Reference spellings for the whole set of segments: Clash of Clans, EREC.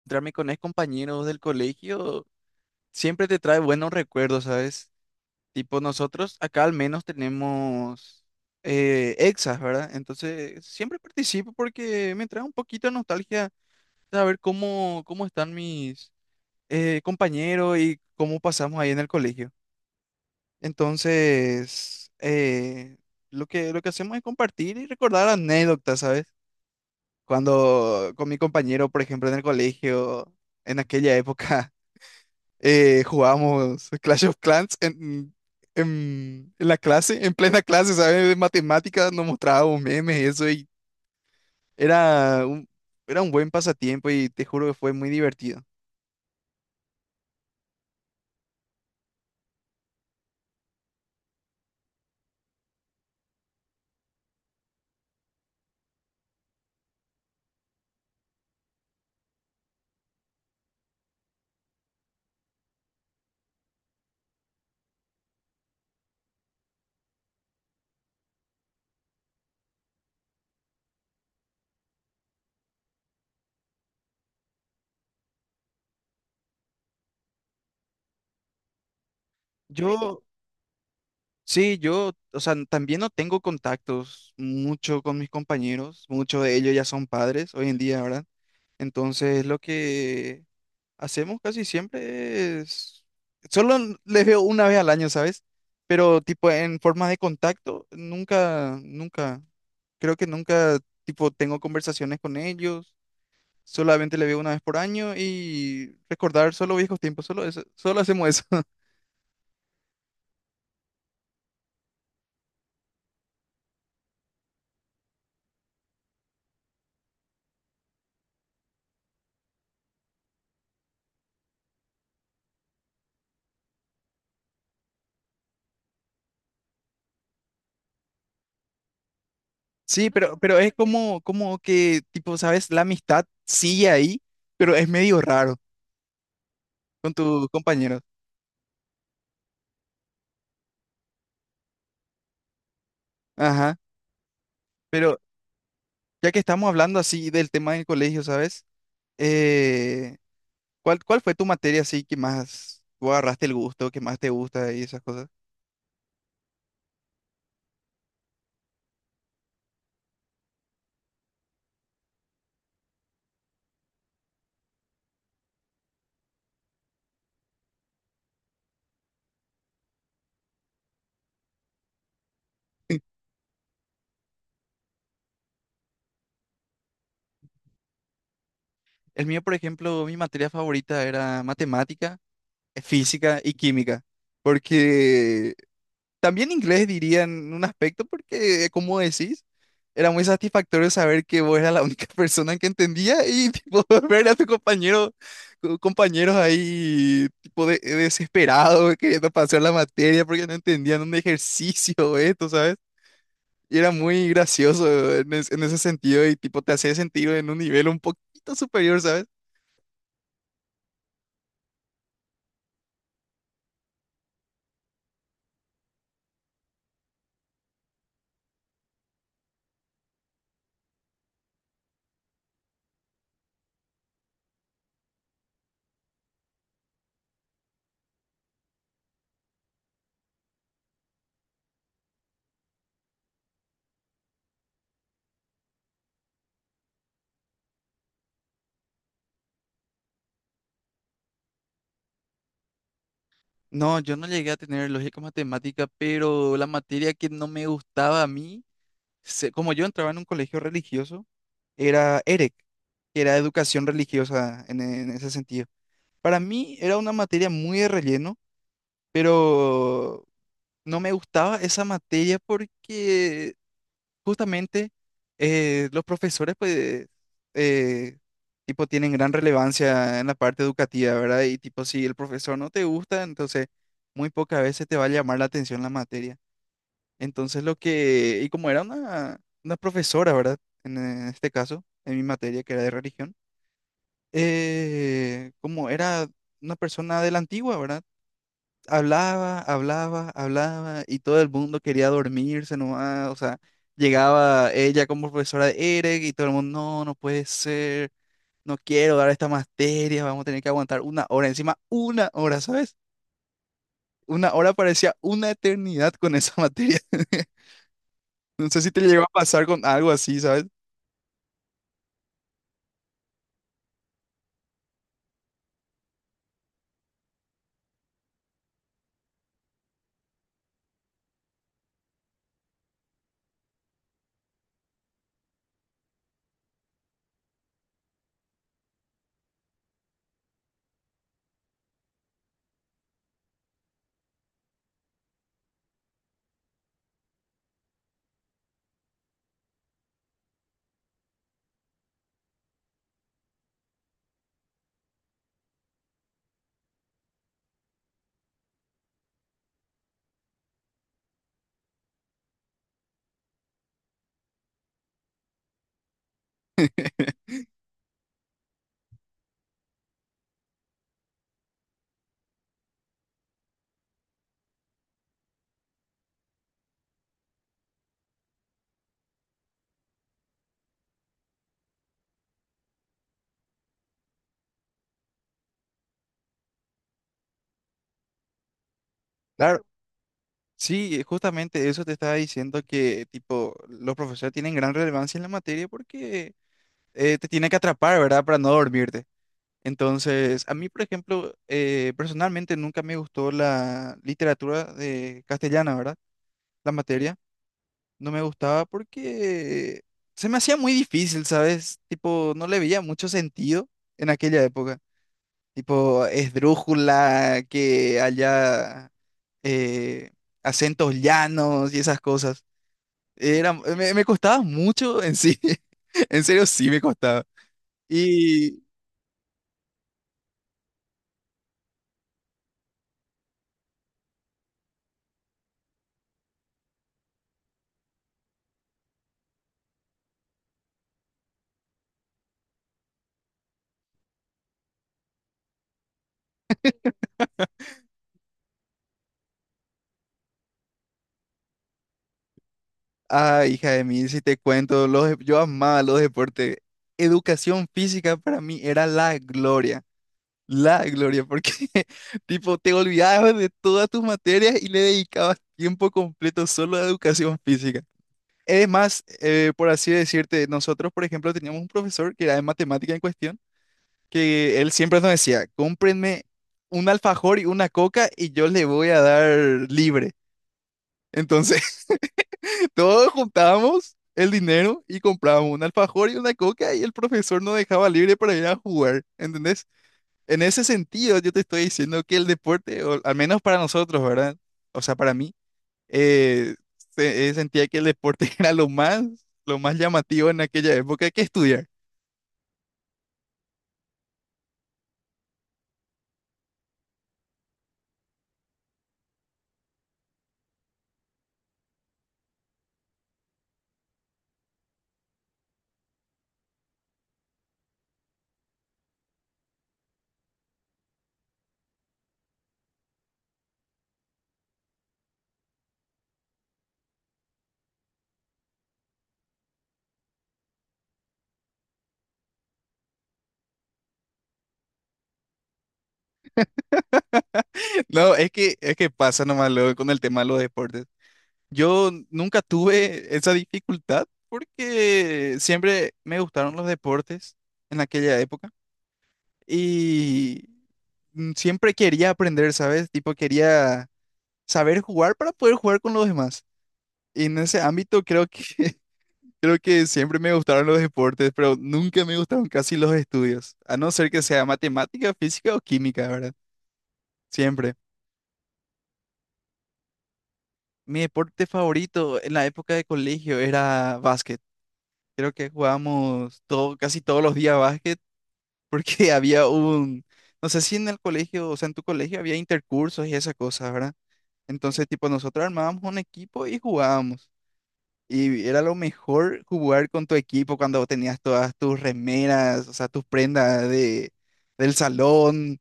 Encontrarme con ex compañeros del colegio siempre te trae buenos recuerdos, ¿sabes? Tipo, nosotros acá al menos tenemos exas, ¿verdad? Entonces, siempre participo porque me trae un poquito de nostalgia saber cómo están mis compañeros y cómo pasamos ahí en el colegio. Entonces, lo que hacemos es compartir y recordar anécdotas, ¿sabes? Cuando con mi compañero, por ejemplo, en el colegio, en aquella época, jugábamos Clash of Clans en la clase, en plena clase, ¿sabes? De matemáticas, nos mostrábamos memes y eso, y era un, era un buen pasatiempo y te juro que fue muy divertido. Yo, sí, yo, o sea, también no tengo contactos mucho con mis compañeros, muchos de ellos ya son padres hoy en día, ¿verdad? Entonces, lo que hacemos casi siempre es... Solo les veo una vez al año, ¿sabes? Pero tipo en forma de contacto, nunca, creo que nunca, tipo, tengo conversaciones con ellos. Solamente les veo una vez por año y recordar solo viejos tiempos, solo eso, solo hacemos eso. Sí, pero es como que, tipo, ¿sabes? La amistad sigue ahí, pero es medio raro con tus compañeros. Ajá. Pero ya que estamos hablando así del tema del colegio, ¿sabes? Eh, cuál fue tu materia así que más tú agarraste el gusto, que más te gusta y esas cosas? El mío, por ejemplo, mi materia favorita era matemática, física y química, porque también inglés diría en un aspecto, porque como decís, era muy satisfactorio saber que vos eras la única persona que entendía y tipo, ver a tus compañeros ahí tipo desesperados queriendo pasar la materia porque no entendían un ejercicio, o esto, ¿sabes? Y era muy gracioso en ese sentido y tipo te hacía sentir en un nivel un poquito superior, ¿sabes? No, yo no llegué a tener lógica matemática, pero la materia que no me gustaba a mí, como yo entraba en un colegio religioso, era EREC, que era educación religiosa en ese sentido. Para mí era una materia muy de relleno, pero no me gustaba esa materia porque justamente los profesores, pues, eh, tipo, tienen gran relevancia en la parte educativa, ¿verdad? Y tipo, si el profesor no te gusta, entonces muy pocas veces te va a llamar la atención la materia. Entonces, lo que, y como era una profesora, ¿verdad? En, este caso, en mi materia, que era de religión, como era una persona de la antigua, ¿verdad? Hablaba y todo el mundo quería dormirse nomás, o sea, llegaba ella como profesora de Eric y todo el mundo, no, no puede ser, no quiero dar esta materia, vamos a tener que aguantar una hora, encima una hora, ¿sabes? Una hora parecía una eternidad con esa materia. No sé si te llegó a pasar con algo así, ¿sabes? Claro, sí, justamente eso te estaba diciendo que, tipo, los profesores tienen gran relevancia en la materia porque te tienen que atrapar, ¿verdad? Para no dormirte. Entonces, a mí, por ejemplo, personalmente nunca me gustó la literatura de castellana, ¿verdad? La materia. No me gustaba porque se me hacía muy difícil, ¿sabes? Tipo, no le veía mucho sentido en aquella época. Tipo, esdrújula, que allá eh, acentos llanos y esas cosas. Me costaba mucho en sí. En serio, sí me costaba. Ah, hija de mí, si te cuento, yo amaba los deportes. Educación física para mí era la gloria, porque tipo te olvidabas de todas tus materias y le dedicabas tiempo completo solo a educación física. Es más, por así decirte, nosotros, por ejemplo, teníamos un profesor que era de matemática en cuestión, que él siempre nos decía, cómprenme un alfajor y una coca y yo le voy a dar libre. Entonces... Todos juntábamos el dinero y comprábamos un alfajor y una coca y el profesor nos dejaba libre para ir a jugar, ¿entendés? En ese sentido, yo te estoy diciendo que el deporte, o al menos para nosotros, ¿verdad? O sea, para mí, eh, sentía que el deporte era lo más llamativo en aquella época que estudiar. No, es que pasa nomás luego con el tema de los deportes. Yo nunca tuve esa dificultad porque siempre me gustaron los deportes en aquella época. Y siempre quería aprender, ¿sabes? Tipo, quería saber jugar para poder jugar con los demás. Y en ese ámbito creo que creo que siempre me gustaron los deportes, pero nunca me gustaron casi los estudios, a no ser que sea matemática, física o química, ¿verdad? Siempre. Mi deporte favorito en la época de colegio era básquet. Creo que jugábamos todo, casi todos los días básquet porque no sé si en el colegio, o sea, en tu colegio había intercursos y esas cosas, ¿verdad? Entonces, tipo, nosotros armábamos un equipo y jugábamos. Y era lo mejor jugar con tu equipo cuando tenías todas tus remeras, o sea, tus prendas de, del salón,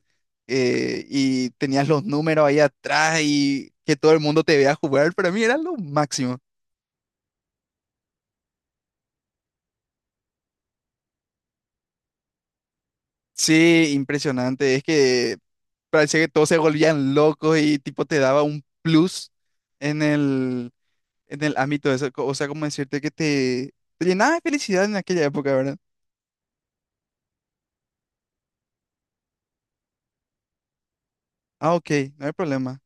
y tenías los números ahí atrás y que todo el mundo te vea jugar. Para mí era lo máximo. Sí, impresionante. Es que parecía que todos se volvían locos y tipo te daba un plus en el, en el ámbito de eso. O sea, como decirte que te llenaba de felicidad en aquella época, ¿verdad? Ah, ok, no hay problema.